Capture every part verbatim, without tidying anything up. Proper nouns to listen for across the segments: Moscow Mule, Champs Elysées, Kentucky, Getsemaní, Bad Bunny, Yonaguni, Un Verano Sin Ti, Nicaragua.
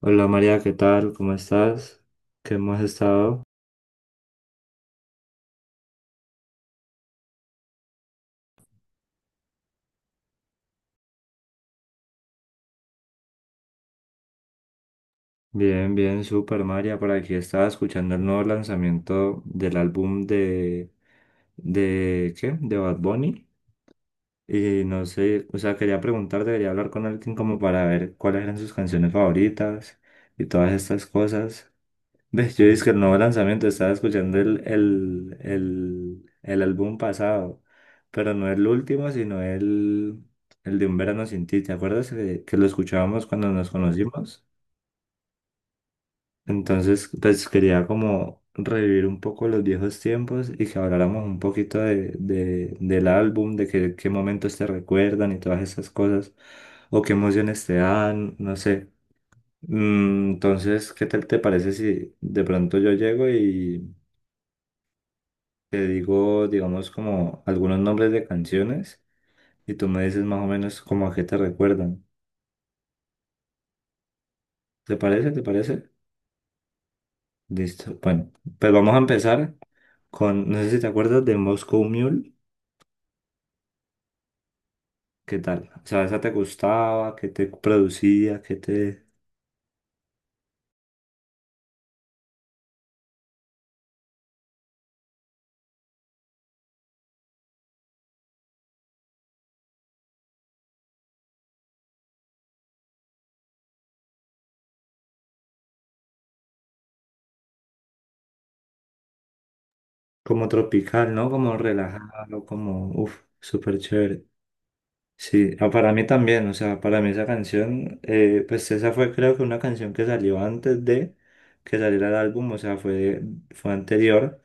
Hola María, ¿qué tal? ¿Cómo estás? ¿Qué has estado? Bien, bien, súper María. Por aquí estaba escuchando el nuevo lanzamiento del álbum de, de, ¿qué? De Bad Bunny. Y no sé, o sea, quería preguntar, debería hablar con alguien como para ver cuáles eran sus canciones favoritas y todas estas cosas. Ve, yo dije que el nuevo lanzamiento, estaba escuchando el, el, el, el álbum pasado, pero no el último, sino el, el de Un Verano Sin Ti. ¿Te acuerdas que, que lo escuchábamos cuando nos conocimos? Entonces, pues quería como revivir un poco los viejos tiempos y que habláramos un poquito de, de- del álbum, de que- qué momentos te recuerdan y todas esas cosas, o qué emociones te dan, no sé. Mm, Entonces, ¿qué tal te parece si de pronto yo llego y... te digo, digamos, como algunos nombres de canciones y tú me dices más o menos como a qué te recuerdan? ¿Te parece? ¿Te parece? Listo. Bueno, pues vamos a empezar con, no sé si te acuerdas de Moscow Mule. ¿Qué tal? O sea, ¿esa te gustaba? ¿Qué te producía? ¿Qué te... como tropical, ¿no? Como relajado, como, uff, súper chévere. Sí, ah, para mí también, o sea, para mí esa canción, eh, pues esa fue creo que una canción que salió antes de que saliera el álbum, o sea, fue, fue anterior.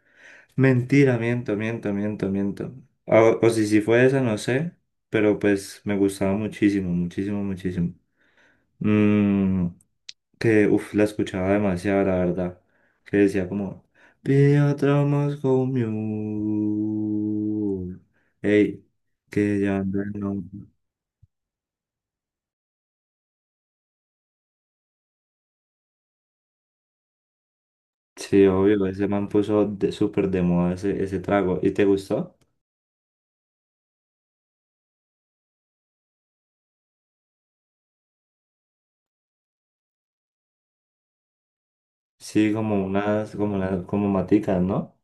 Mentira, miento, miento, miento, miento. Ah, O, o si, si fue esa, no sé, pero pues me gustaba muchísimo, muchísimo, muchísimo. Mm, que, uff, la escuchaba demasiado, la verdad. Que decía como, pide otro Moscow Mule. Ey, que llevando el nombre. Sí, obvio, ese man puso de, súper de moda ese, ese trago. ¿Y te gustó? Sí, como unas, como, unas- como maticas, ¿no?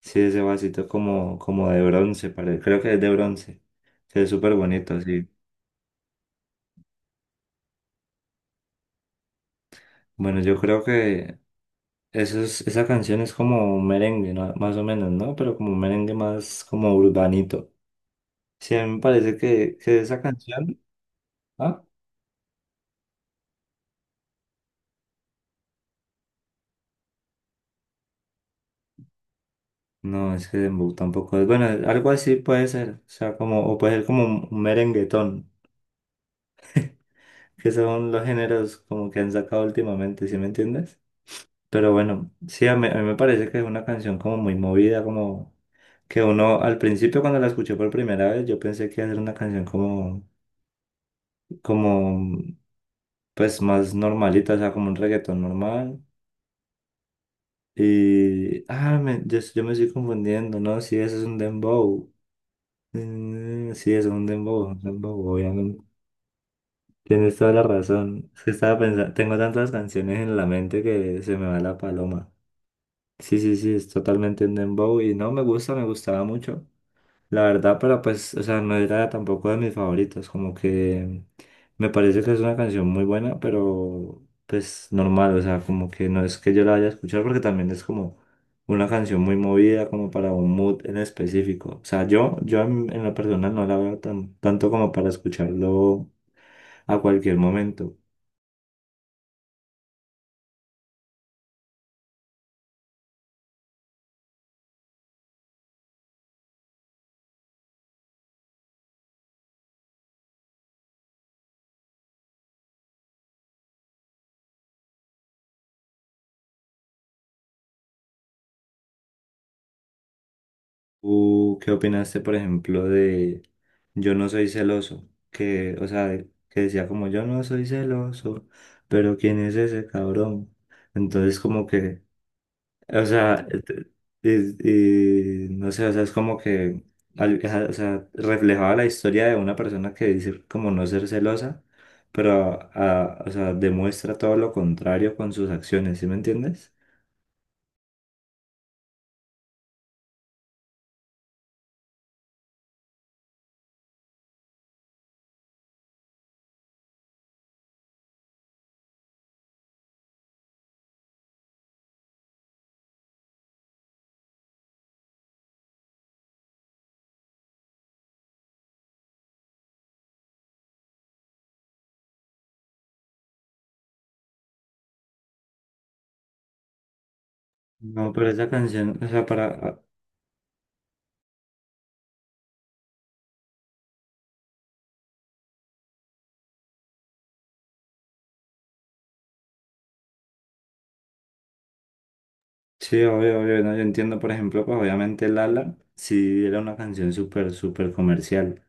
Sí, ese vasito como, como, de bronce, parece. Creo que es de bronce. Se ve súper bonito, sí. Bueno, yo creo que eso es- esa canción es como un merengue, ¿no? Más o menos, ¿no? Pero como un merengue más como urbanito. Sí, a mí me parece que, que esa canción... ¿Ah? No, es que dembow tampoco es... Bueno, algo así puede ser. O sea, como... o puede ser como un un merenguetón, que son los géneros como que han sacado últimamente, ¿sí me entiendes? Pero bueno, sí, a mí, a mí me parece que es una canción como muy movida, como... que uno al principio cuando la escuché por primera vez yo pensé que iba a ser una canción como, como pues más normalita, o sea, como un reggaetón normal. Y, ah, me- yo, yo me estoy confundiendo, ¿no? Sí, eso es un dembow. Mm, sí, eso es un dembow, un dembow, obviamente. Tienes toda la razón. Es que estaba pensando, tengo tantas canciones en la mente que se me va la paloma. Sí, sí, sí, es totalmente un dembow y no, me gusta, me gustaba mucho. La verdad, pero pues, o sea, no era tampoco de mis favoritos, como que me parece que es una canción muy buena, pero pues normal, o sea, como que no es que yo la vaya a escuchar porque también es como una canción muy movida, como para un mood en específico. O sea, yo, yo en, en lo personal no la veo tan, tanto como para escucharlo a cualquier momento. ¿Tú qué opinaste, por ejemplo, de yo no soy celoso? Que, o sea, de- que decía como yo no soy celoso, pero ¿quién es ese cabrón? Entonces como que, o sea, et- y, y no sé, o sea, es como que, al- o sea, reflejaba la historia de una persona que dice como no ser celosa, pero, ah, o sea, demuestra todo lo contrario con sus acciones, ¿sí me entiendes? No, pero esa canción, o sea, para, sí, obvio, obvio, no, yo entiendo, por ejemplo, pues obviamente Lala sí era una canción súper, súper comercial,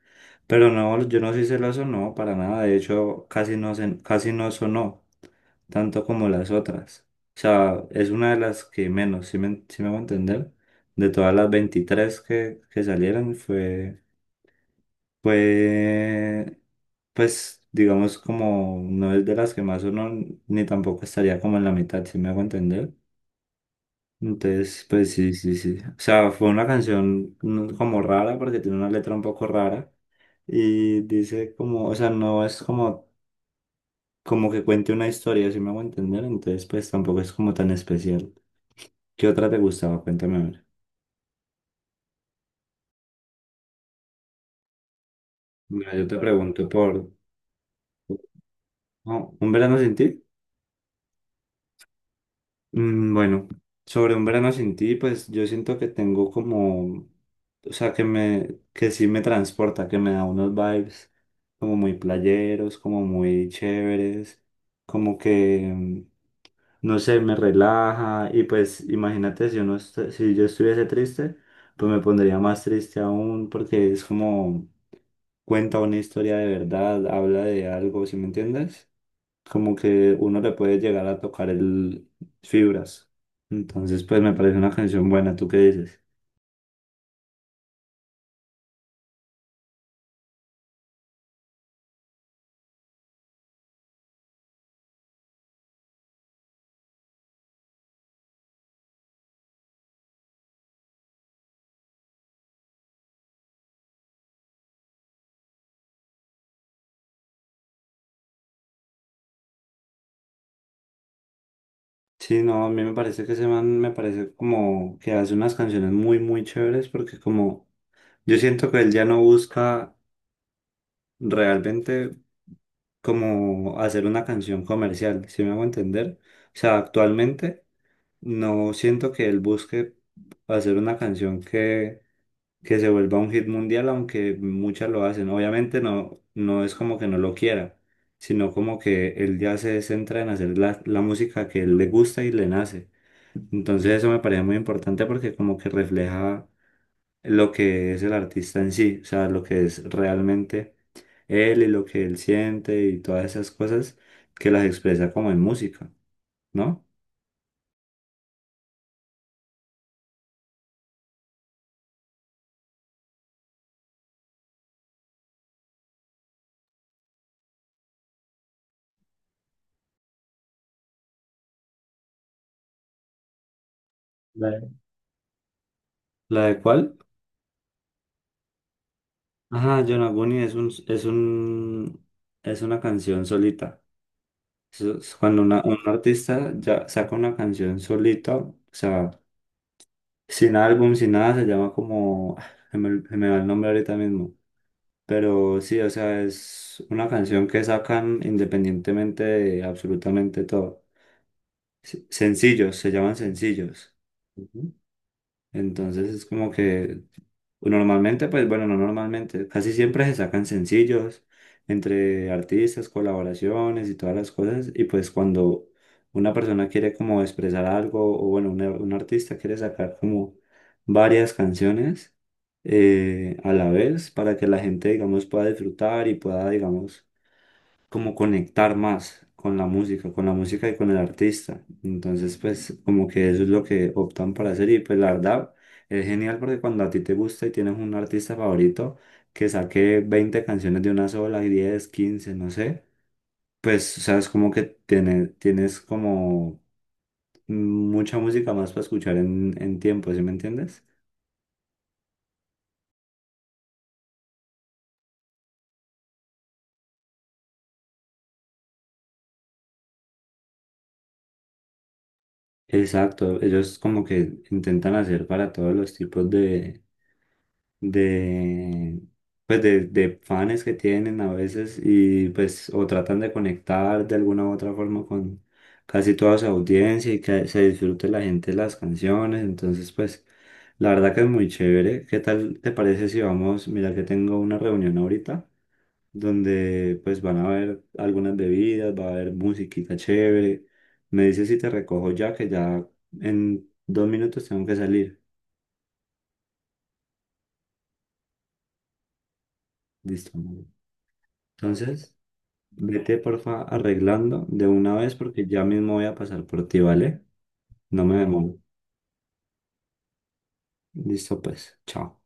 pero no, yo no soy celoso, no, para nada, de hecho casi no, se- casi no sonó tanto como las otras, o sea, es una de las que menos, si me, sí me voy a entender, de todas las veintitrés que, que salieron fue, fue, pues digamos como no es de las que más sonó, ni tampoco estaría como en la mitad, si me hago entender. Entonces, pues sí, sí, sí. O sea, fue una canción mm, como rara porque tiene una letra un poco rara y dice como, o sea, no es como, como que cuente una historia, si me hago entender, entonces pues tampoco es como tan especial. ¿Qué otra te gustaba? Cuéntame a ver. Mira, yo te pregunto por... Oh, ¿Un verano sin ti? Mm, Bueno, sobre un verano sin ti, pues yo siento que tengo como, o sea, que me, que sí me transporta, que me da unos vibes como muy playeros, como muy chéveres, como que, mm, no sé, me relaja y pues imagínate si uno, est- si yo estuviese triste, pues me pondría más triste aún porque es como cuenta una historia de verdad, habla de algo, ¿sí me entiendes? Como que uno le puede llegar a tocar el fibras. Entonces, pues me parece una canción buena, ¿tú qué dices? Sí, no, a mí me parece que ese man me parece como que hace unas canciones muy, muy chéveres porque como yo siento que él ya no busca realmente como hacer una canción comercial, ¿si me hago entender? O sea, actualmente no siento que él busque hacer una canción que que se vuelva un hit mundial, aunque muchas lo hacen. Obviamente no, no es como que no lo quiera, sino como que él ya se centra en hacer la, la música que él le gusta y le nace. Entonces eso me parece muy importante porque como que refleja lo que es el artista en sí, o sea, lo que es realmente él y lo que él siente y todas esas cosas que las expresa como en música, ¿no? Vale. ¿La de cuál? Ajá, Yonaguni es un, es un, es una canción solita. Eso es cuando una- un artista ya saca una canción solita, o sea, sin álbum, sin nada, se llama como, ah, se me, se me va el nombre ahorita mismo, pero sí, o sea, es una canción que sacan independientemente de absolutamente todo. Se- Sencillos, se llaman sencillos. Ujú. Entonces es como que pues, normalmente, pues bueno, no normalmente, casi siempre se sacan sencillos entre artistas, colaboraciones y todas las cosas. Y pues cuando una persona quiere como expresar algo, o bueno, un, un artista quiere sacar como varias canciones eh, a la vez para que la gente, digamos, pueda disfrutar y pueda, digamos, como conectar más con la música, con la música y con el artista. Entonces, pues como que eso es lo que optan para hacer y pues la verdad es genial porque cuando a ti te gusta y tienes un artista favorito que saque veinte canciones de una sola, diez quince no sé, pues o sea, es como que tiene, tienes como mucha música más para escuchar en, en, tiempo, ¿sí me entiendes? Exacto, ellos como que intentan hacer para todos los tipos de, pues de, de fans que tienen a veces y pues o tratan de conectar de alguna u otra forma con casi toda su audiencia y que se disfrute la gente las canciones. Entonces, pues la verdad que es muy chévere. ¿Qué tal te parece si vamos? Mira que tengo una reunión ahorita donde pues van a haber algunas bebidas, va a haber musiquita chévere. Me dices si te recojo ya, que ya en dos minutos tengo que salir. Listo, amor. Entonces... vete, porfa, arreglando de una vez porque ya mismo voy a pasar por ti, ¿vale? No me demoro. Listo, pues. Chao.